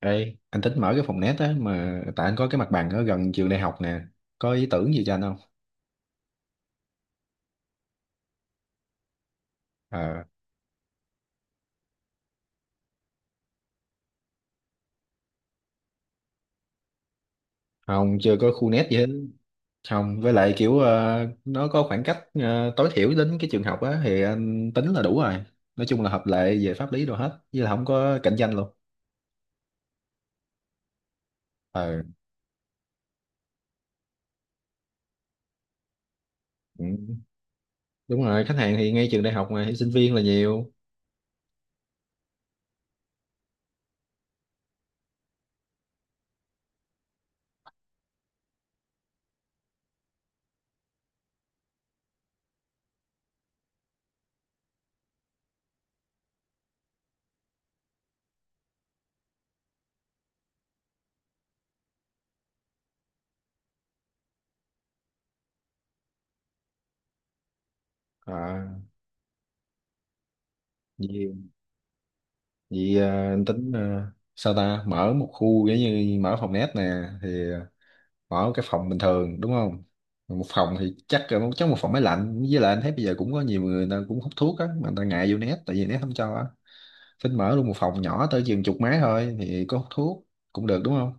Ê, anh tính mở cái phòng net á mà tại anh có cái mặt bằng ở gần trường đại học nè. Có ý tưởng gì cho anh không? Ờ, không, chưa có khu net gì hết. Không, với lại kiểu nó có khoảng cách tối thiểu đến cái trường học á thì anh tính là đủ rồi. Nói chung là hợp lệ về pháp lý đồ hết, với là không có cạnh tranh luôn. Ờ, ừ, đúng rồi, khách hàng thì ngay trường đại học mà thì sinh viên là nhiều. Ờ, nhiều. Vậy anh tính sao ta mở một khu giống như mở phòng net nè, thì ở cái phòng bình thường đúng không. Một phòng thì chắc một phòng máy lạnh, với lại anh thấy bây giờ cũng có nhiều người, người ta cũng hút thuốc á mà người ta ngại vô nét tại vì nét không cho á. Phình mở luôn một phòng nhỏ tới chừng chục máy thôi thì có hút thuốc cũng được đúng không.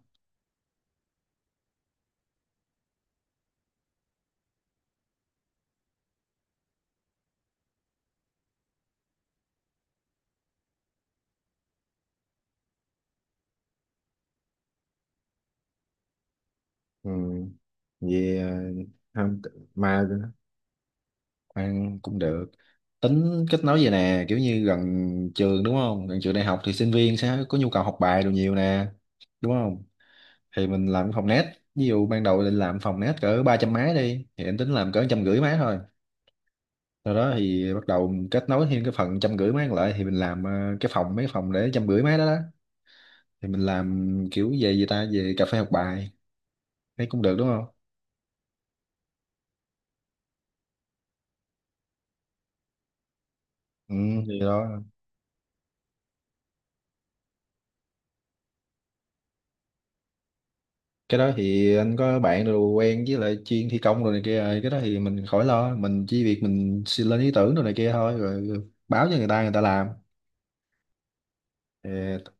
Ừ. Vì không mà ăn cũng được, tính kết nối vậy nè, kiểu như gần trường đúng không, gần trường đại học thì sinh viên sẽ có nhu cầu học bài đồ nhiều nè đúng không. Thì mình làm phòng net, ví dụ ban đầu định làm phòng net cỡ 300 máy đi thì em tính làm cỡ 150 máy thôi. Sau đó thì bắt đầu mình kết nối thêm cái phần 150 máy còn lại thì mình làm cái phòng, mấy phòng để 150 máy đó đó, thì mình làm kiểu về gì ta, về cà phê học bài, thấy cũng được đúng không. Ừ, thì Ừ, đó. Cái đó thì anh có bạn rồi, quen với lại chuyên thi công rồi này kia rồi. Cái đó thì mình khỏi lo, mình chỉ việc mình xin lên ý tưởng rồi này kia thôi, rồi báo cho người ta, người ta làm. Thì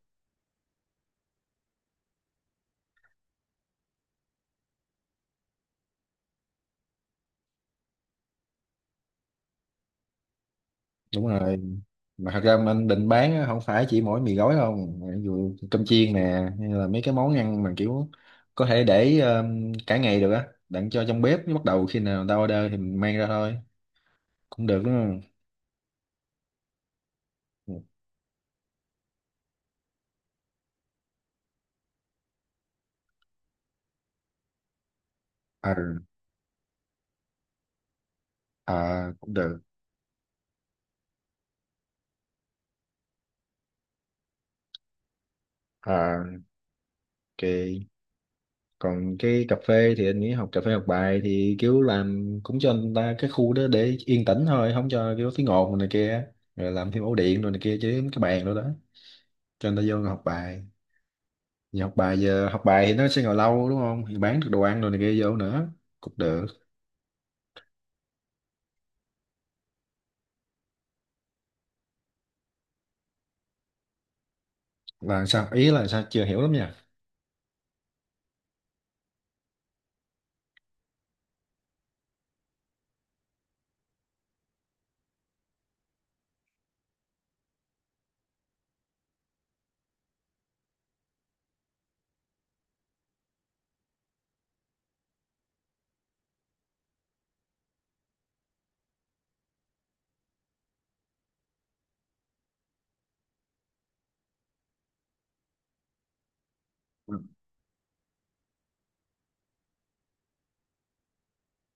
đúng rồi, mà thật ra mà anh định bán á, không phải chỉ mỗi mì gói không, ví dụ cơm chiên nè hay là mấy cái món ăn mà kiểu có thể để cả ngày được á, đặng cho trong bếp, bắt đầu khi nào người ta order thì mình mang ra thôi, cũng được đúng không. À, à cũng được. À ok. Còn cái cà phê thì anh nghĩ học cà phê học bài thì kiểu làm cũng cho người ta cái khu đó để yên tĩnh thôi, không cho kiểu tiếng ồn này kia, rồi làm thêm ổ điện rồi này kia chứ, cái bàn đó đó cho người ta vô ngồi học bài. Vì học bài, giờ học bài thì nó sẽ ngồi lâu đúng không? Thì bán được đồ ăn đồ này kia vô nữa cũng được. Là sao? Ý là sao? Chưa hiểu lắm nha.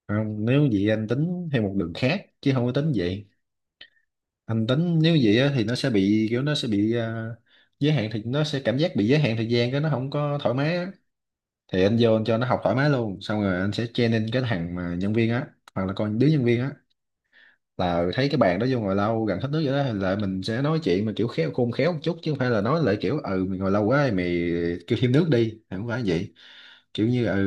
Không, nếu vậy anh tính theo một đường khác chứ không có tính vậy. Anh tính nếu vậy á, thì nó sẽ bị kiểu, nó sẽ bị giới hạn, thì nó sẽ cảm giác bị giới hạn thời gian, cái nó không có thoải mái á. Thì anh vô anh cho nó học thoải mái luôn. Xong rồi anh sẽ training cái thằng mà nhân viên á, hoặc là con đứa nhân viên á, là thấy cái bàn đó vô ngồi lâu gần hết nước vậy đó là mình sẽ nói chuyện mà kiểu khéo, khôn khéo một chút, chứ không phải là nói lại kiểu ừ mày ngồi lâu quá mày kêu thêm nước đi, không phải vậy. Kiểu như ừ,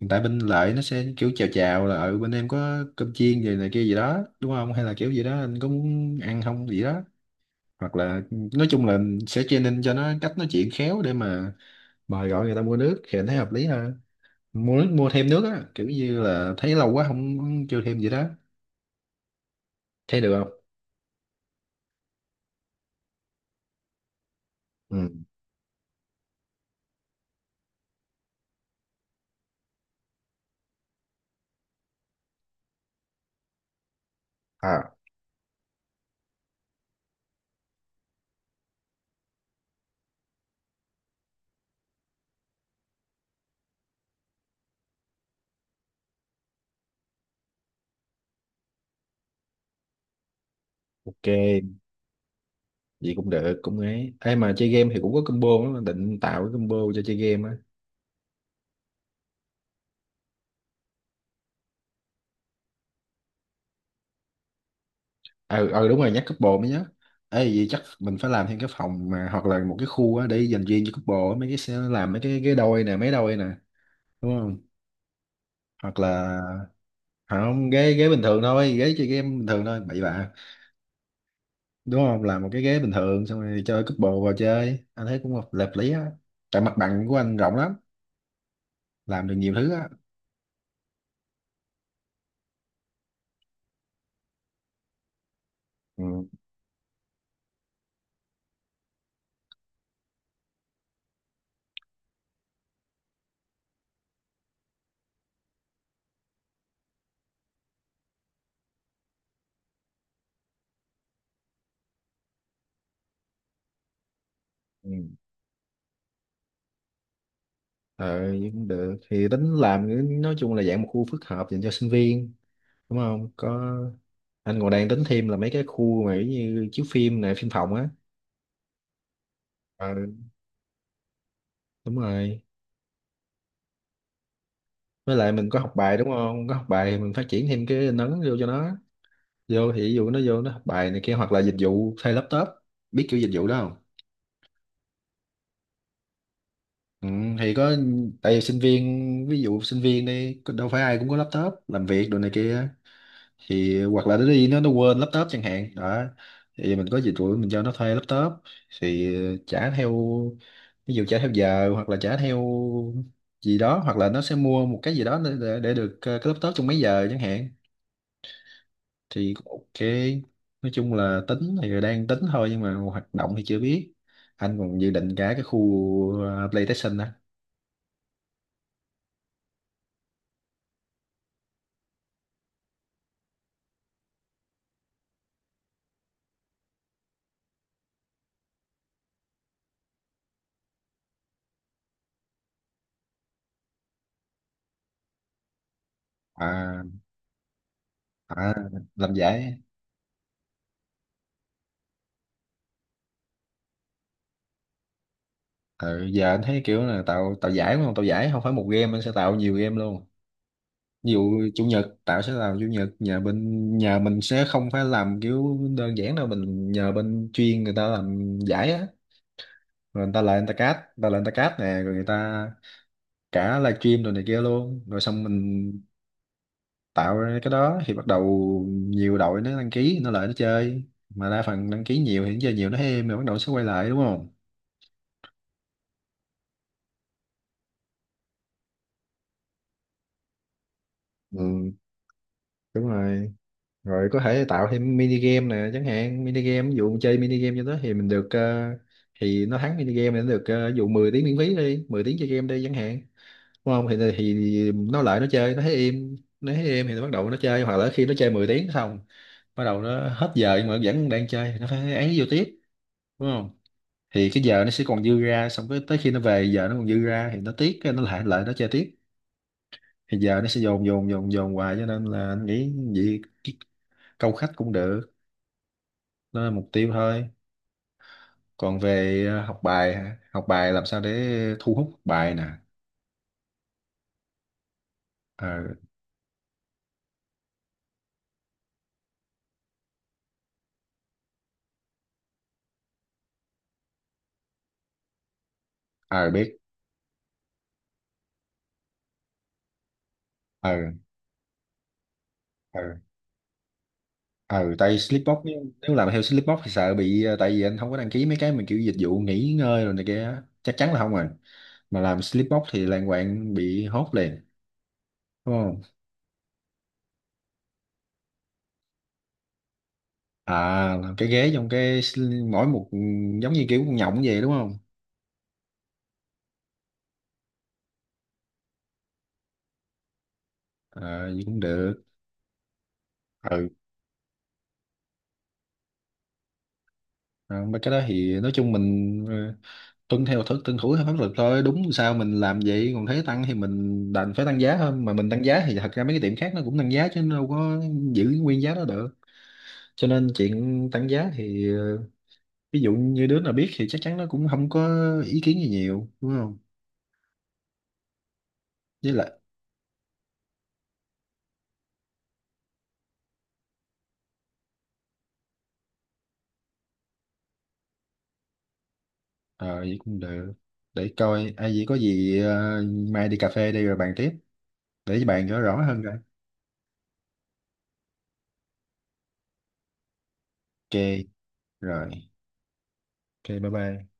hiện tại bên lại nó sẽ kiểu chào chào là ừ bên em có cơm chiên gì này kia gì đó đúng không, hay là kiểu gì đó anh có muốn ăn không gì đó. Hoặc là nói chung là sẽ training cho nó cách nói chuyện khéo để mà mời gọi người ta mua nước, thì anh thấy hợp lý hơn. Mua nước, mua thêm nước á, kiểu như là thấy lâu quá, không chưa thêm gì đó, thấy được không? Ừ. À. Ok, vậy cũng được, cũng ấy. Ê mà chơi game thì cũng có combo lắm, định tạo cái combo cho chơi game á. Ờ, ờ đúng rồi, nhắc couple mới nhớ. Ê, vậy chắc mình phải làm thêm cái phòng mà hoặc là một cái khu á để dành riêng cho couple á, mấy cái sẽ làm mấy cái ghế đôi nè, mấy đôi nè, đúng không? Hoặc là không, ghế ghế bình thường thôi, ghế chơi game bình thường thôi, bậy bạ. Đúng không? Làm một cái ghế bình thường xong rồi cho couple vào chơi. Anh thấy cũng hợp hợp lý á. Tại mặt bằng của anh rộng lắm, làm được nhiều thứ á. Ừ. Ừ. ờ Vậy cũng được, thì tính làm nói chung là dạng một khu phức hợp dành cho sinh viên đúng không có. Anh còn đang tính thêm là mấy cái khu mà giống như chiếu phim này, phim phòng á. Ờ đúng rồi. Với lại mình có học bài đúng không, có học bài thì mình phát triển thêm cái nấn vô cho nó vô, thì ví dụ nó vô nó học bài này kia, hoặc là dịch vụ thay laptop, biết kiểu dịch vụ đó không. Ừ, thì có. Tại vì sinh viên, ví dụ sinh viên đi đâu phải ai cũng có laptop làm việc đồ này kia, thì hoặc là nó đi nó quên laptop chẳng hạn đó. Thì mình có dịch vụ mình cho nó thuê laptop, thì trả theo, ví dụ trả theo giờ hoặc là trả theo gì đó, hoặc là nó sẽ mua một cái gì đó để, để được cái laptop trong mấy giờ chẳng hạn. Thì cũng ok. Nói chung là tính thì đang tính thôi nhưng mà hoạt động thì chưa biết. Anh còn dự định cả cái khu PlayStation đó. À, à làm giải. Ừ, giờ anh thấy kiểu là tạo tạo giải đúng không, tạo giải không phải một game, anh sẽ tạo nhiều game luôn. Ví dụ chủ nhật, Tạo sẽ làm chủ nhật, nhà bên nhà mình sẽ không phải làm kiểu đơn giản đâu, mình nhờ bên chuyên người ta làm giải á, rồi người ta lại người ta cát, người ta lại người ta cát nè, rồi người ta cả livestream rồi này kia luôn, rồi xong mình tạo ra cái đó thì bắt đầu nhiều đội nó đăng ký nó lại nó chơi. Mà đa phần đăng ký nhiều thì nó chơi nhiều nó êm, rồi bắt đầu nó sẽ quay lại đúng không. Ừ, đúng rồi. Rồi có thể tạo thêm mini game nè chẳng hạn, mini game ví dụ chơi mini game cho đó thì mình được thì nó thắng mini game thì nó được ví dụ 10 tiếng miễn phí đi, 10 tiếng chơi game đi chẳng hạn đúng không. Thì nó lại nó chơi, nó thấy im, nó thấy im thì nó bắt đầu nó chơi. Hoặc là khi nó chơi 10 tiếng xong bắt đầu nó hết giờ nhưng mà vẫn đang chơi thì nó phải ấy vô tiếp đúng không. Thì cái giờ nó sẽ còn dư ra, xong cái tới khi nó về giờ nó còn dư ra thì nó tiếc, cái nó lại lại nó chơi tiếp. Thì giờ nó sẽ dồn dồn dồn dồn hoài, cho nên là anh nghĩ vậy cái câu khách cũng được, đó là mục tiêu thôi. Còn về học bài hả? Học bài làm sao để thu hút học bài nè. Ờ. Ờ biết. Ờ, ờ, ờ, tại Slipbox, nếu làm theo Slipbox thì sợ bị tại vì anh không có đăng ký mấy cái mà kiểu dịch vụ nghỉ ngơi rồi này kia á. Chắc chắn là không rồi. Mà làm Slipbox thì lan quạng bị hốt liền đúng không. À, làm cái ghế trong cái mỗi một giống như kiểu con nhộng vậy đúng không. Ờ vậy cũng được. Ừ. À, mấy cái đó thì nói chung mình tuân thủ theo pháp luật thôi, đúng sao mình làm vậy, còn thấy tăng thì mình đành phải tăng giá thôi, mà mình tăng giá thì thật ra mấy cái tiệm khác nó cũng tăng giá chứ đâu có giữ nguyên giá đó được. Cho nên chuyện tăng giá thì ví dụ như đứa nào biết thì chắc chắn nó cũng không có ý kiến gì nhiều đúng không. Với lại ờ vậy cũng được, để coi ai vậy có gì mai đi cà phê đi rồi bàn tiếp, để bàn cho rõ hơn rồi. Ok rồi. Ok bye bye.